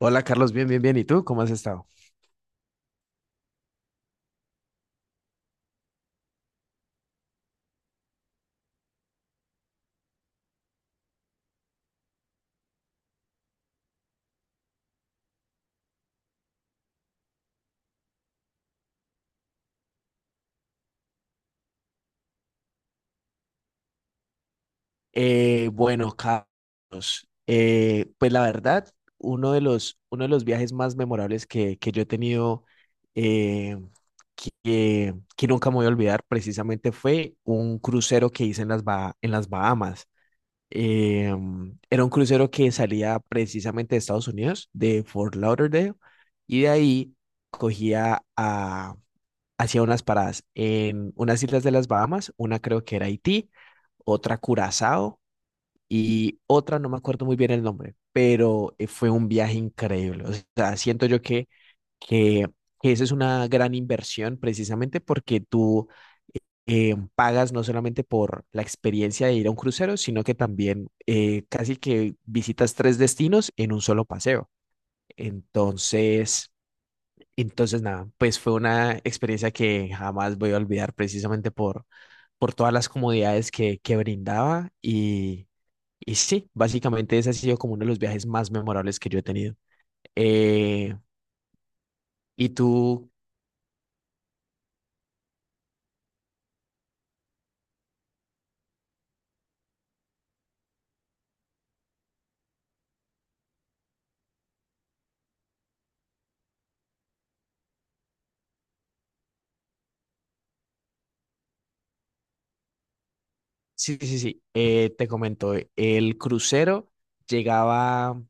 Hola Carlos, bien. ¿Y tú? ¿Cómo has estado? Bueno, Carlos, pues la verdad, uno de los viajes más memorables que yo he tenido, eh, que nunca me voy a olvidar, precisamente fue un crucero que hice en en las Bahamas. Eh, Era un crucero que salía precisamente de Estados Unidos, de Fort Lauderdale, y de ahí cogía, hacía unas paradas en unas islas de las Bahamas, una creo que era Haití, otra Curazao y otra no me acuerdo muy bien el nombre, pero fue un viaje increíble. O sea, siento yo que, que esa es una gran inversión precisamente porque tú pagas no solamente por la experiencia de ir a un crucero, sino que también casi que visitas tres destinos en un solo paseo. Entonces... Entonces, nada, pues fue una experiencia que jamás voy a olvidar precisamente por todas las comodidades que brindaba y sí, básicamente ese ha sido como uno de los viajes más memorables que yo he tenido. Eh, y tú, sí, sí, sí, te comento, el crucero llegaba,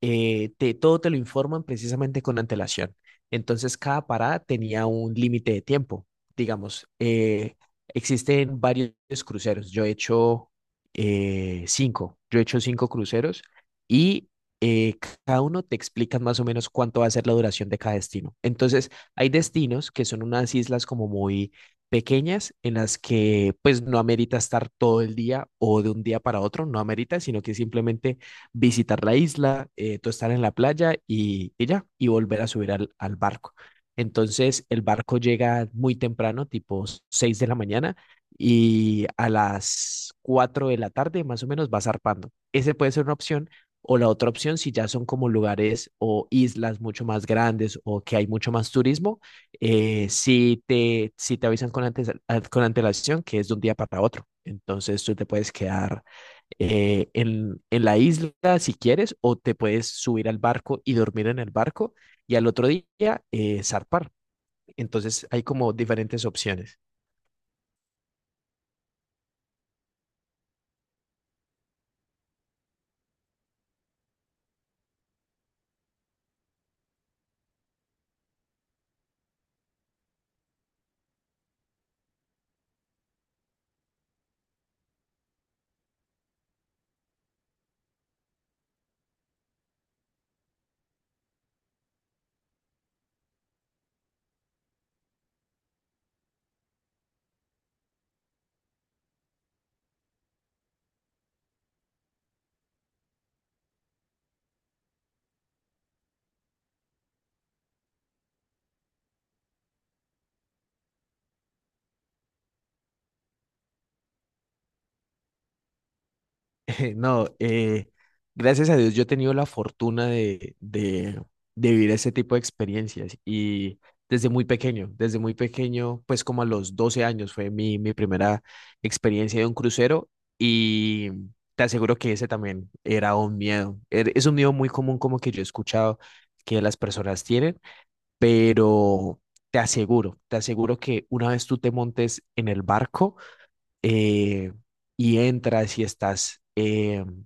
todo te lo informan precisamente con antelación. Entonces, cada parada tenía un límite de tiempo. Digamos, existen varios cruceros. Yo he hecho cinco. Yo he hecho cinco cruceros y eh, cada uno te explica más o menos cuánto va a ser la duración de cada destino. Entonces, hay destinos que son unas islas como muy pequeñas en las que pues no amerita estar todo el día o de un día para otro, no amerita, sino que simplemente visitar la isla, tú estar en la playa y ya, y volver a subir al barco. Entonces el barco llega muy temprano, tipo 6 de la mañana, y a las 4 de la tarde más o menos va zarpando. Ese puede ser una opción. O la otra opción, si ya son como lugares o islas mucho más grandes o que hay mucho más turismo, si te avisan con, antes, ah, con antelación que es de un día para otro. Entonces tú te puedes quedar en la isla si quieres, o te puedes subir al barco y dormir en el barco y al otro día zarpar. Entonces hay como diferentes opciones. No, gracias a Dios yo he tenido la fortuna de vivir ese tipo de experiencias y desde muy pequeño, pues como a los 12 años fue mi primera experiencia de un crucero y te aseguro que ese también era un miedo. Es un miedo muy común como que yo he escuchado que las personas tienen, pero te aseguro que una vez tú te montes en el barco, eh, y entras y estás... em,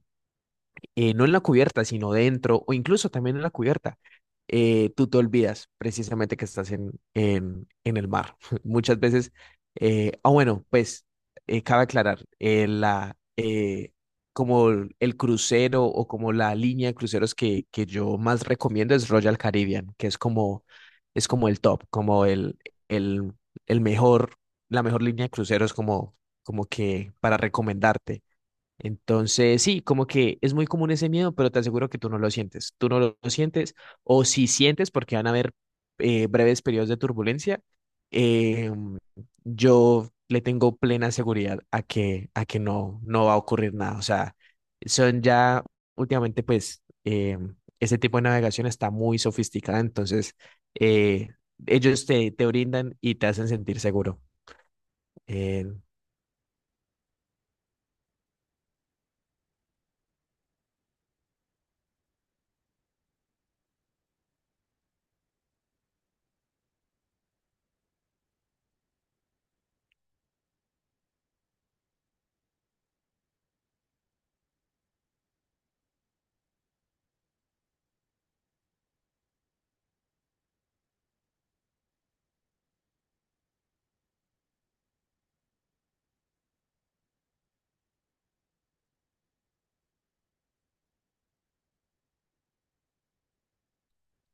eh, no en la cubierta, sino dentro o incluso también en la cubierta, tú te olvidas precisamente que estás en el mar. Muchas veces, bueno, pues cabe aclarar, como el crucero o como la línea de cruceros que yo más recomiendo es Royal Caribbean, que es como el top, como el, el mejor, la mejor línea de cruceros como, como que para recomendarte. Entonces, sí, como que es muy común ese miedo, pero te aseguro que tú no lo sientes. Tú no lo sientes, o si sientes, porque van a haber breves periodos de turbulencia, eh, yo le tengo plena seguridad a a que no, no va a ocurrir nada. O sea, son ya últimamente, pues, ese tipo de navegación está muy sofisticada, entonces eh, ellos te brindan y te hacen sentir seguro. Eh,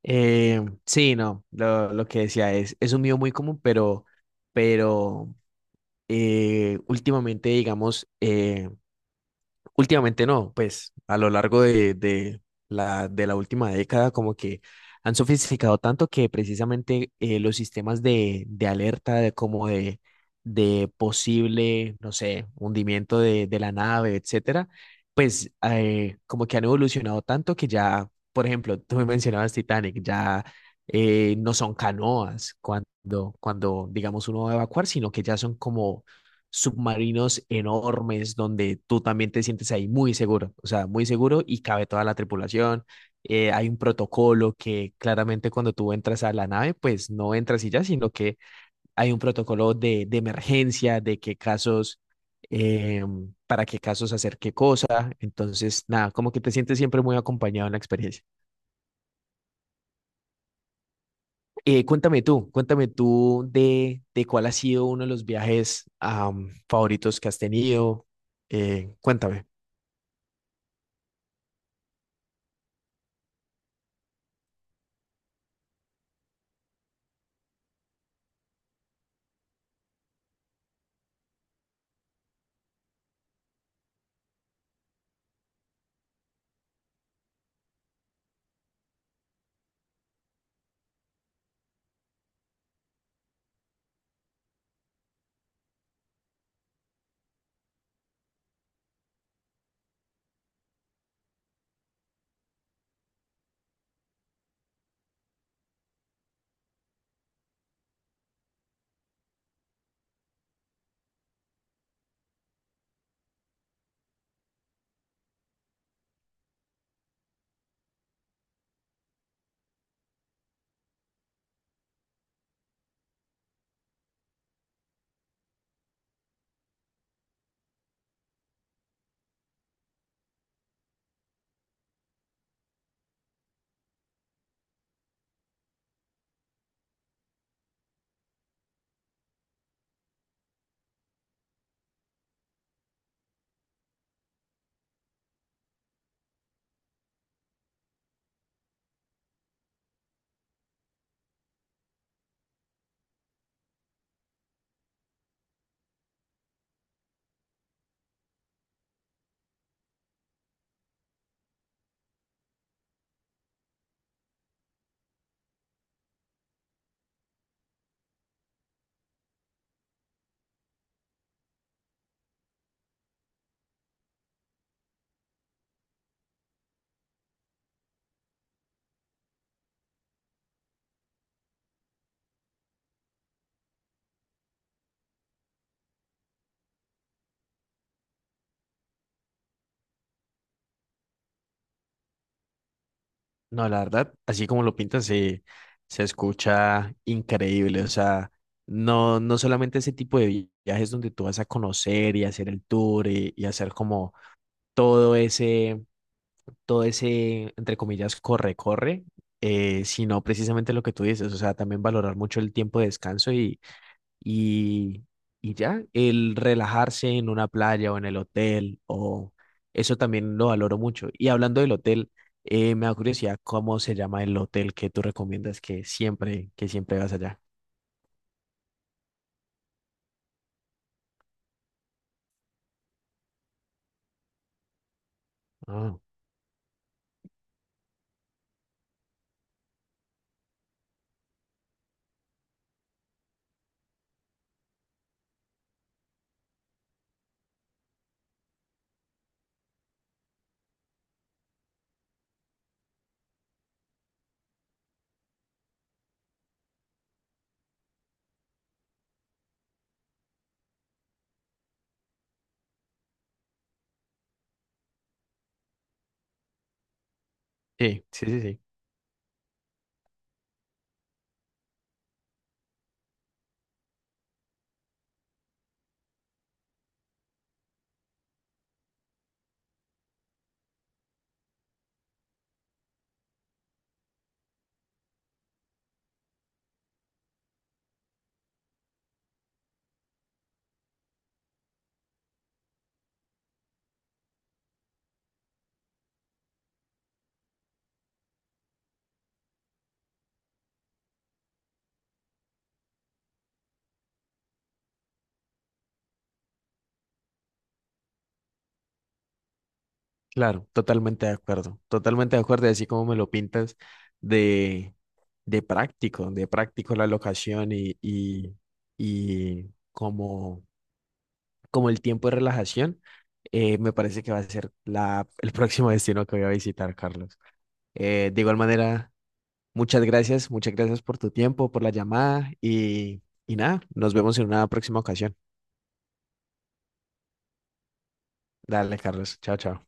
Sí, no, lo que decía es un miedo muy común, pero últimamente, digamos, últimamente no, pues a lo largo de de la última década como que han sofisticado tanto que precisamente los sistemas de alerta de como de posible, no sé, hundimiento de la nave, etcétera, pues como que han evolucionado tanto que ya, por ejemplo, tú me mencionabas Titanic, ya no son canoas cuando digamos uno va a evacuar, sino que ya son como submarinos enormes donde tú también te sientes ahí muy seguro, o sea, muy seguro y cabe toda la tripulación. Hay un protocolo que claramente cuando tú entras a la nave, pues no entras y ya, sino que hay un protocolo de emergencia, de qué casos, eh, para qué casos hacer qué cosa. Entonces, nada, como que te sientes siempre muy acompañado en la experiencia. Cuéntame tú, cuéntame tú de cuál ha sido uno de los viajes favoritos que has tenido. Cuéntame. No, la verdad, así como lo pintas, se escucha increíble. O sea, no, no solamente ese tipo de viajes donde tú vas a conocer y hacer el tour y hacer como todo ese, todo ese, entre comillas, corre, corre, sino precisamente lo que tú dices. O sea, también valorar mucho el tiempo de descanso y, y ya, el relajarse en una playa o en el hotel, o eso también lo valoro mucho. Y hablando del hotel, me da curiosidad cómo se llama el hotel que tú recomiendas que siempre vas allá. Ah, sí, sí, sí, sí. Claro, totalmente de acuerdo, y así como me lo pintas de, de práctico la locación y y como como el tiempo de relajación, me parece que va a ser el próximo destino que voy a visitar, Carlos. De igual manera, muchas gracias por tu tiempo, por la llamada y nada, nos vemos en una próxima ocasión. Dale, Carlos. Chao, chao.